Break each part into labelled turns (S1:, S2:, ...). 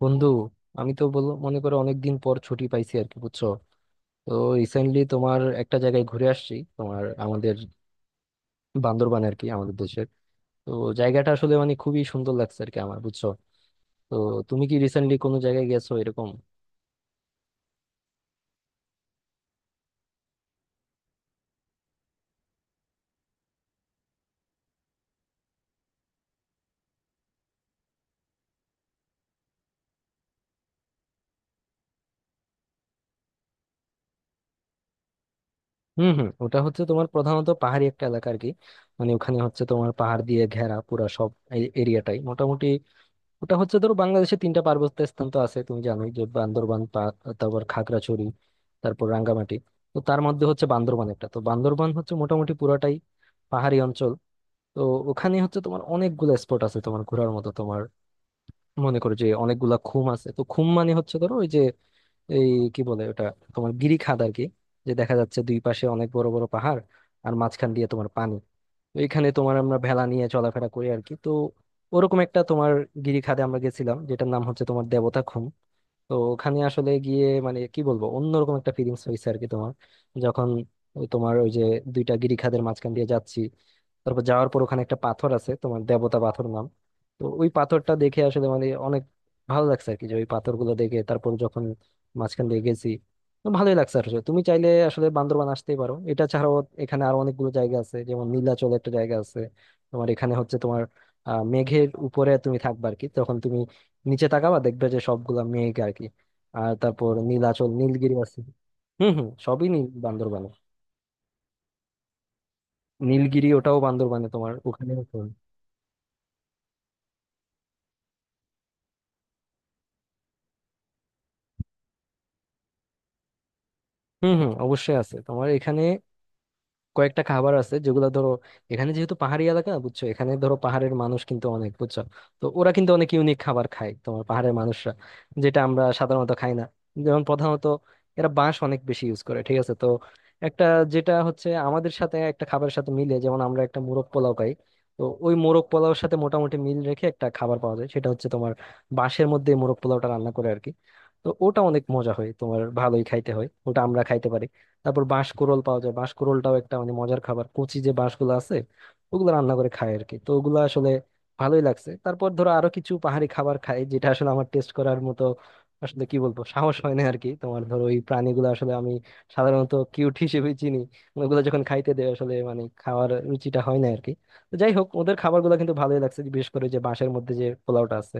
S1: বন্ধু, আমি তো বল মনে করো অনেকদিন পর ছুটি পাইছি আর কি বুঝছো। তো রিসেন্টলি তোমার একটা জায়গায় ঘুরে আসছি তোমার আমাদের বান্দরবান আর কি আমাদের দেশের। তো জায়গাটা আসলে মানে খুবই সুন্দর লাগছে আর কি আমার বুঝছো। তো তুমি কি রিসেন্টলি কোনো জায়গায় গেছো এরকম? হুম হুম, ওটা হচ্ছে তোমার প্রধানত পাহাড়ি একটা এলাকা আর কি। মানে ওখানে হচ্ছে তোমার পাহাড় দিয়ে ঘেরা পুরা সব এরিয়াটাই মোটামুটি। ওটা হচ্ছে ধরো বাংলাদেশে তিনটা পার্বত্য স্থান তো আছে তুমি জানোই যে বান্দরবান তারপর খাগড়াছড়ি, তারপর রাঙ্গামাটি। তো তার মধ্যে হচ্ছে বান্দরবান একটা, তো বান্দরবান হচ্ছে মোটামুটি পুরাটাই পাহাড়ি অঞ্চল। তো ওখানে হচ্ছে তোমার অনেকগুলা স্পট আছে তোমার ঘোরার মতো তোমার। মনে করো যে অনেকগুলা খুম আছে, তো খুম মানে হচ্ছে ধরো ওই যে এই কি বলে ওটা, তোমার গিরি খাদ আর কি। যে দেখা যাচ্ছে দুই পাশে অনেক বড় বড় পাহাড় আর মাঝখান দিয়ে তোমার পানি। তো এখানে তোমার আমরা ভেলা নিয়ে চলাফেরা করি আর কি। তো ওরকম একটা তোমার গিরি খাদে আমরা গেছিলাম যেটার নাম হচ্ছে তোমার দেবতা। তো ওখানে আসলে গিয়ে মানে কি বলবো অন্যরকম একটা ফিলিংস হয়েছে আর কি তোমার। যখন ওই তোমার ওই যে দুইটা গিরিখাদের মাঝখান দিয়ে যাচ্ছি, তারপর যাওয়ার পর ওখানে একটা পাথর আছে তোমার দেবতা পাথর নাম। তো ওই পাথরটা দেখে আসলে মানে অনেক ভালো লাগছে আর কি, যে ওই পাথরগুলো দেখে তারপর যখন মাঝখান দিয়ে গেছি। তো ভালোই লাগছে আসলে, তুমি চাইলে আসলে বান্দরবান আসতেই পারো। এটা ছাড়াও এখানে আরো অনেকগুলো জায়গা আছে, যেমন নীলাচল একটা জায়গা আছে তোমার। এখানে হচ্ছে তোমার মেঘের উপরে তুমি থাকবা আর কি, তখন তুমি নিচে তাকাবা দেখবে যে সবগুলা মেঘ আর কি। আর তারপর নীলাচল নীলগিরি আছে। হুম হুম, সবই নীল বান্দরবানে। নীলগিরি ওটাও বান্দরবানে তোমার ওখানে। হুম হুম, অবশ্যই আছে তোমার এখানে কয়েকটা খাবার আছে যেগুলো ধরো। এখানে যেহেতু পাহাড়ি এলাকা বুঝছো, এখানে ধরো পাহাড়ের মানুষ কিন্তু অনেক বুঝছো। তো ওরা কিন্তু অনেক ইউনিক খাবার খায় তোমার পাহাড়ের মানুষরা, যেটা আমরা সাধারণত খাই না। যেমন প্রধানত এরা বাঁশ অনেক বেশি ইউজ করে ঠিক আছে। তো একটা যেটা হচ্ছে আমাদের সাথে একটা খাবারের সাথে মিলে, যেমন আমরা একটা মোরগ পোলাও খাই। তো ওই মোরগ পোলাওর সাথে মোটামুটি মিল রেখে একটা খাবার পাওয়া যায়, সেটা হচ্ছে তোমার বাঁশের মধ্যে মোরগ পোলাওটা রান্না করে আর কি। তো ওটা অনেক মজা হয় তোমার, ভালোই খাইতে হয় ওটা, আমরা খাইতে পারি। তারপর বাঁশকুড়োল পাওয়া যায়, বাঁশকুড়োলটাও একটা মানে মজার খাবার, কচি যে বাঁশগুলো আছে ওগুলো রান্না করে খায় আর কি। তো ওগুলো আসলে ভালোই লাগছে। তারপর ধরো আরো কিছু পাহাড়ি খাবার খাই যেটা আসলে আমার টেস্ট করার মতো আসলে কি বলবো সাহস হয় না আর কি তোমার। ধরো ওই প্রাণীগুলো আসলে আমি সাধারণত কিউট হিসেবে চিনি, ওগুলো যখন খাইতে দেয় আসলে মানে খাওয়ার রুচিটা হয় না আর কি। তো যাই হোক, ওদের খাবারগুলো কিন্তু ভালোই লাগছে, বিশেষ করে যে বাঁশের মধ্যে যে পোলাওটা আছে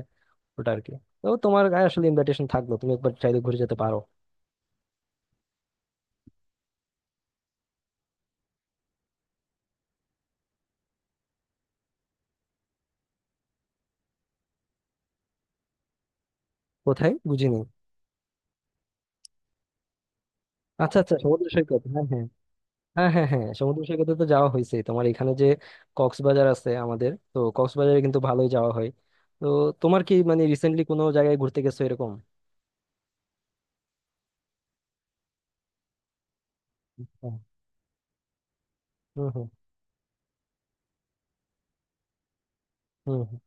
S1: ওটা আর কি। তো তোমার গায়ে আসলে ইনভাইটেশন থাকলো, তুমি একবার চাইলে ঘুরে যেতে পারো। কোথায় বুঝিনি? আচ্ছা আচ্ছা, সমুদ্র সৈকত, হ্যাঁ হ্যাঁ হ্যাঁ হ্যাঁ হ্যাঁ, সমুদ্র সৈকতে তো যাওয়া হয়েছে তোমার, এখানে যে কক্সবাজার আছে আমাদের, তো কক্সবাজারে কিন্তু ভালোই যাওয়া হয়। তো তোমার কি মানে রিসেন্টলি কোনো জায়গায় ঘুরতে গেছো এরকম? হ্যাঁ, হুম হুম। হুম হুম।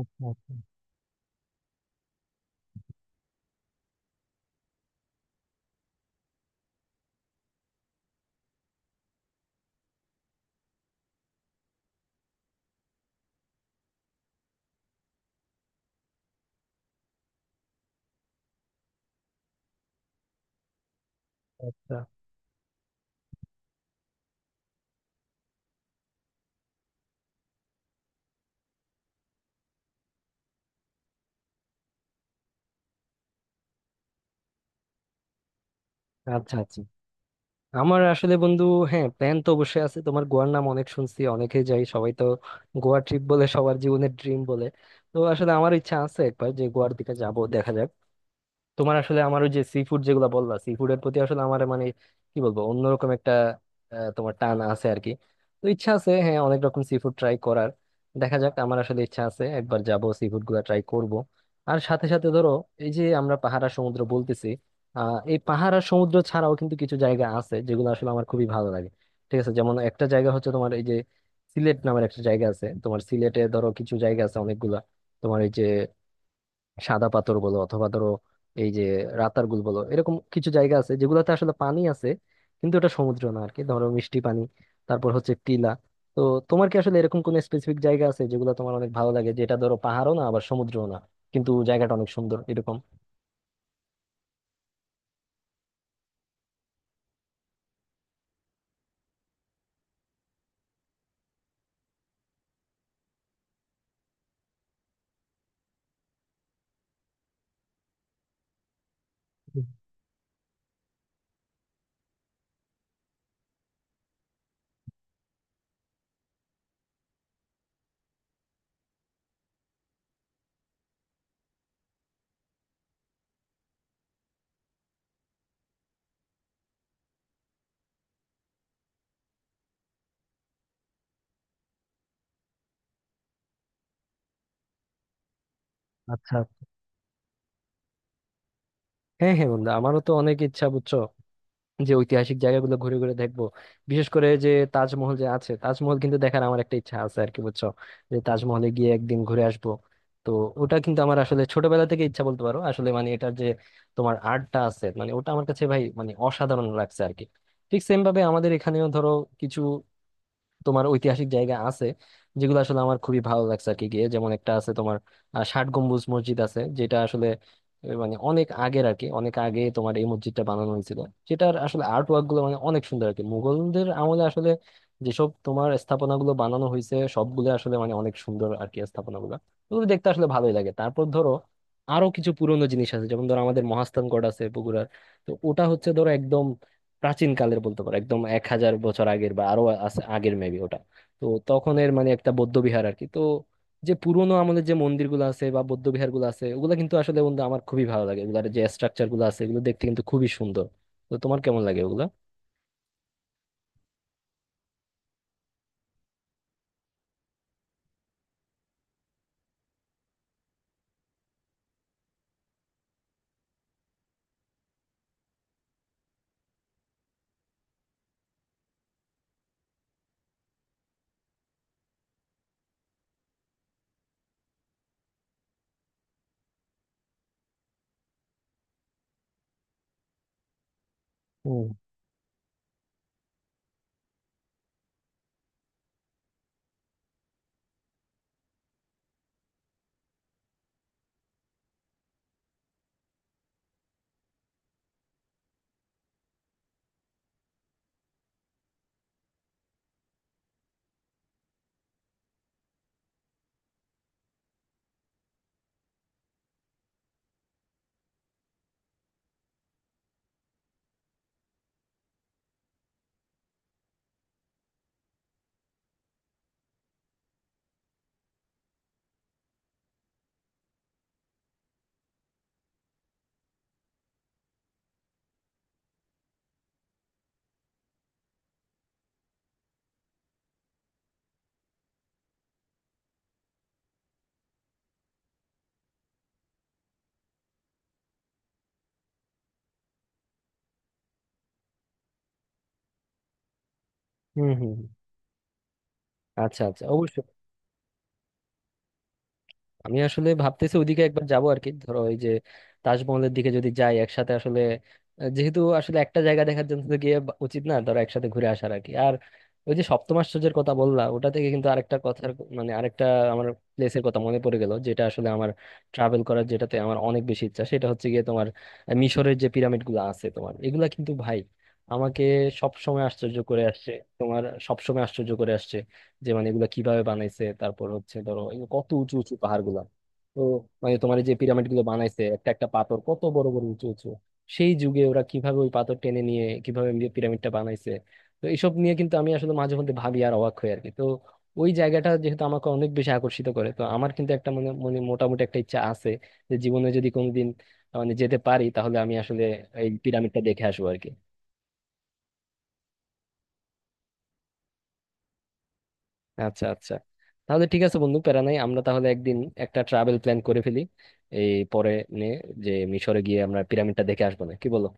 S1: আচ্ছা আচ্ছা। আচ্ছা আচ্ছা। আমার আসলে বন্ধু হ্যাঁ প্ল্যান তো অবশ্যই আছে, তোমার গোয়ার নাম অনেক শুনছি, অনেকে যাই, সবাই তো গোয়া ট্রিপ বলে সবার জীবনের ড্রিম বলে। তো আসলে আমার ইচ্ছা আছে একবার যে গোয়ার দিকে যাব, দেখা যাক। তোমার আসলে আমার ওই যে সি ফুড যেগুলো বললা, সি ফুডের প্রতি আসলে আমার মানে কি বলবো অন্যরকম একটা তোমার টান আছে আর কি। তো ইচ্ছা আছে হ্যাঁ অনেক রকম সি ফুড ট্রাই করার। দেখা যাক, আমার আসলে ইচ্ছা আছে একবার যাব সি ফুড গুলা ট্রাই করব। আর সাথে সাথে ধরো, এই যে আমরা পাহাড় আর সমুদ্র বলতেছি, এই পাহাড় আর সমুদ্র ছাড়াও কিন্তু কিছু জায়গা আছে যেগুলো আসলে আমার খুবই ভালো লাগে। ঠিক আছে, যেমন একটা জায়গা হচ্ছে তোমার এই যে সিলেট নামের একটা জায়গা আছে। তোমার সিলেটে ধরো কিছু জায়গা আছে অনেকগুলা, তোমার এই যে সাদা পাথর বলো, অথবা ধরো এই যে রাতারগুল বলো, এরকম কিছু জায়গা আছে যেগুলোতে আসলে পানি আছে, কিন্তু এটা সমুদ্র না আর কি, ধরো মিষ্টি পানি। তারপর হচ্ছে টিলা। তো তোমার কি আসলে এরকম কোনো স্পেসিফিক জায়গা আছে যেগুলো তোমার অনেক ভালো লাগে, যেটা ধরো পাহাড়ও না আবার সমুদ্রও না কিন্তু জায়গাটা অনেক সুন্দর এরকম? হুম। আচ্ছা। হ্যাঁ হ্যাঁ বন্ধু, আমারও তো অনেক ইচ্ছা বুঝছো যে ঐতিহাসিক জায়গাগুলো ঘুরে ঘুরে দেখবো। বিশেষ করে যে তাজমহল যে আছে, তাজমহল কিন্তু দেখার আমার একটা ইচ্ছা আছে আর কি বুঝছো, যে তাজমহলে গিয়ে একদিন ঘুরে আসবো। তো ওটা কিন্তু আমার আসলে ছোটবেলা থেকে ইচ্ছা বলতে পারো, আসলে মানে এটার যে তোমার আর্টটা আছে মানে ওটা আমার কাছে ভাই মানে অসাধারণ লাগছে আর কি। ঠিক সেম ভাবে আমাদের এখানেও ধরো কিছু তোমার ঐতিহাসিক জায়গা আছে যেগুলো আসলে আমার খুবই ভালো লাগছে আর কি গিয়ে, যেমন একটা আছে তোমার ষাট গম্বুজ মসজিদ আছে, যেটা আসলে মানে অনেক আগের আর কি, অনেক আগে তোমার এই মসজিদটা বানানো হয়েছিল, যেটার আসলে আর্ট ওয়ার্ক গুলো মানে অনেক সুন্দর আর কি। মুঘলদের আমলে আসলে যেসব তোমার স্থাপনা গুলো বানানো হয়েছে সবগুলো আসলে মানে অনেক সুন্দর আর কি স্থাপনা গুলো, ওগুলো দেখতে আসলে ভালোই লাগে। তারপর ধরো আরো কিছু পুরনো জিনিস আছে, যেমন ধরো আমাদের মহাস্থান গড় আছে বগুড়ার। তো ওটা হচ্ছে ধরো একদম প্রাচীন কালের বলতে পারো, একদম 1000 বছর আগের বা আরো আগের মেবি ওটা। তো তখনের মানে একটা বৌদ্ধ বিহার আর কি। তো যে পুরোনো আমলের যে মন্দিরগুলো আছে বা বৌদ্ধ বিহারগুলো আছে ওগুলো কিন্তু আসলে বন্ধু আমার খুবই ভালো লাগে, এগুলার যে স্ট্রাকচার গুলো আছে এগুলো দেখতে কিন্তু খুবই সুন্দর। তো তোমার কেমন লাগে ওগুলা? হুম হুম। হুম হুম। আচ্ছা আচ্ছা, অবশ্যই। আমি আসলে ভাবতেছি ওইদিকে একবার যাব আর কি, ধরো ওই যে তাজমহলের দিকে যদি যাই একসাথে আসলে, যেহেতু আসলে একটা জায়গা দেখার জন্য তো গিয়ে উচিত না, ধরো একসাথে ঘুরে আসার আর কি। আর ওই যে সপ্তম আশ্চর্যের কথা বললা ওটা থেকে কিন্তু আরেকটা কথার মানে আরেকটা আমার প্লেসের কথা মনে পড়ে গেল, যেটা আসলে আমার ট্রাভেল করার যেটাতে আমার অনেক বেশি ইচ্ছা, সেটা হচ্ছে গিয়ে তোমার মিশরের যে পিরামিড গুলো আছে তোমার, এগুলা কিন্তু ভাই আমাকে সব সময় আশ্চর্য করে আসছে। তোমার সব সময় আশ্চর্য করে আসছে যে মানে এগুলা কিভাবে বানাইছে। তারপর হচ্ছে ধরো এই কত উঁচু উঁচু পাহাড় গুলা। তো মানে তোমার এই যে পিরামিড গুলো বানাইছে একটা একটা পাথর কত বড় বড় উঁচু উঁচু, সেই যুগে ওরা কিভাবে ওই পাথর টেনে নিয়ে কিভাবে এমনি পিরামিডটা বানাইছে। তো এইসব নিয়ে কিন্তু আমি আসলে মাঝে মধ্যে ভাবি আর অবাক হই আর কি। তো ওই জায়গাটা যেহেতু আমাকে অনেক বেশি আকর্ষিত করে, তো আমার কিন্তু একটা মানে মানে মোটামুটি একটা ইচ্ছা আছে, যে জীবনে যদি কোনোদিন মানে যেতে পারি তাহলে আমি আসলে এই পিরামিডটা দেখে আসবো আর কি। আচ্ছা আচ্ছা, তাহলে ঠিক আছে বন্ধু প্যারা নাই, আমরা তাহলে একদিন একটা ট্রাভেল প্ল্যান করে ফেলি, এই পরে নিয়ে, যে মিশরে গিয়ে আমরা পিরামিডটা দেখে আসবো, না কি বলো?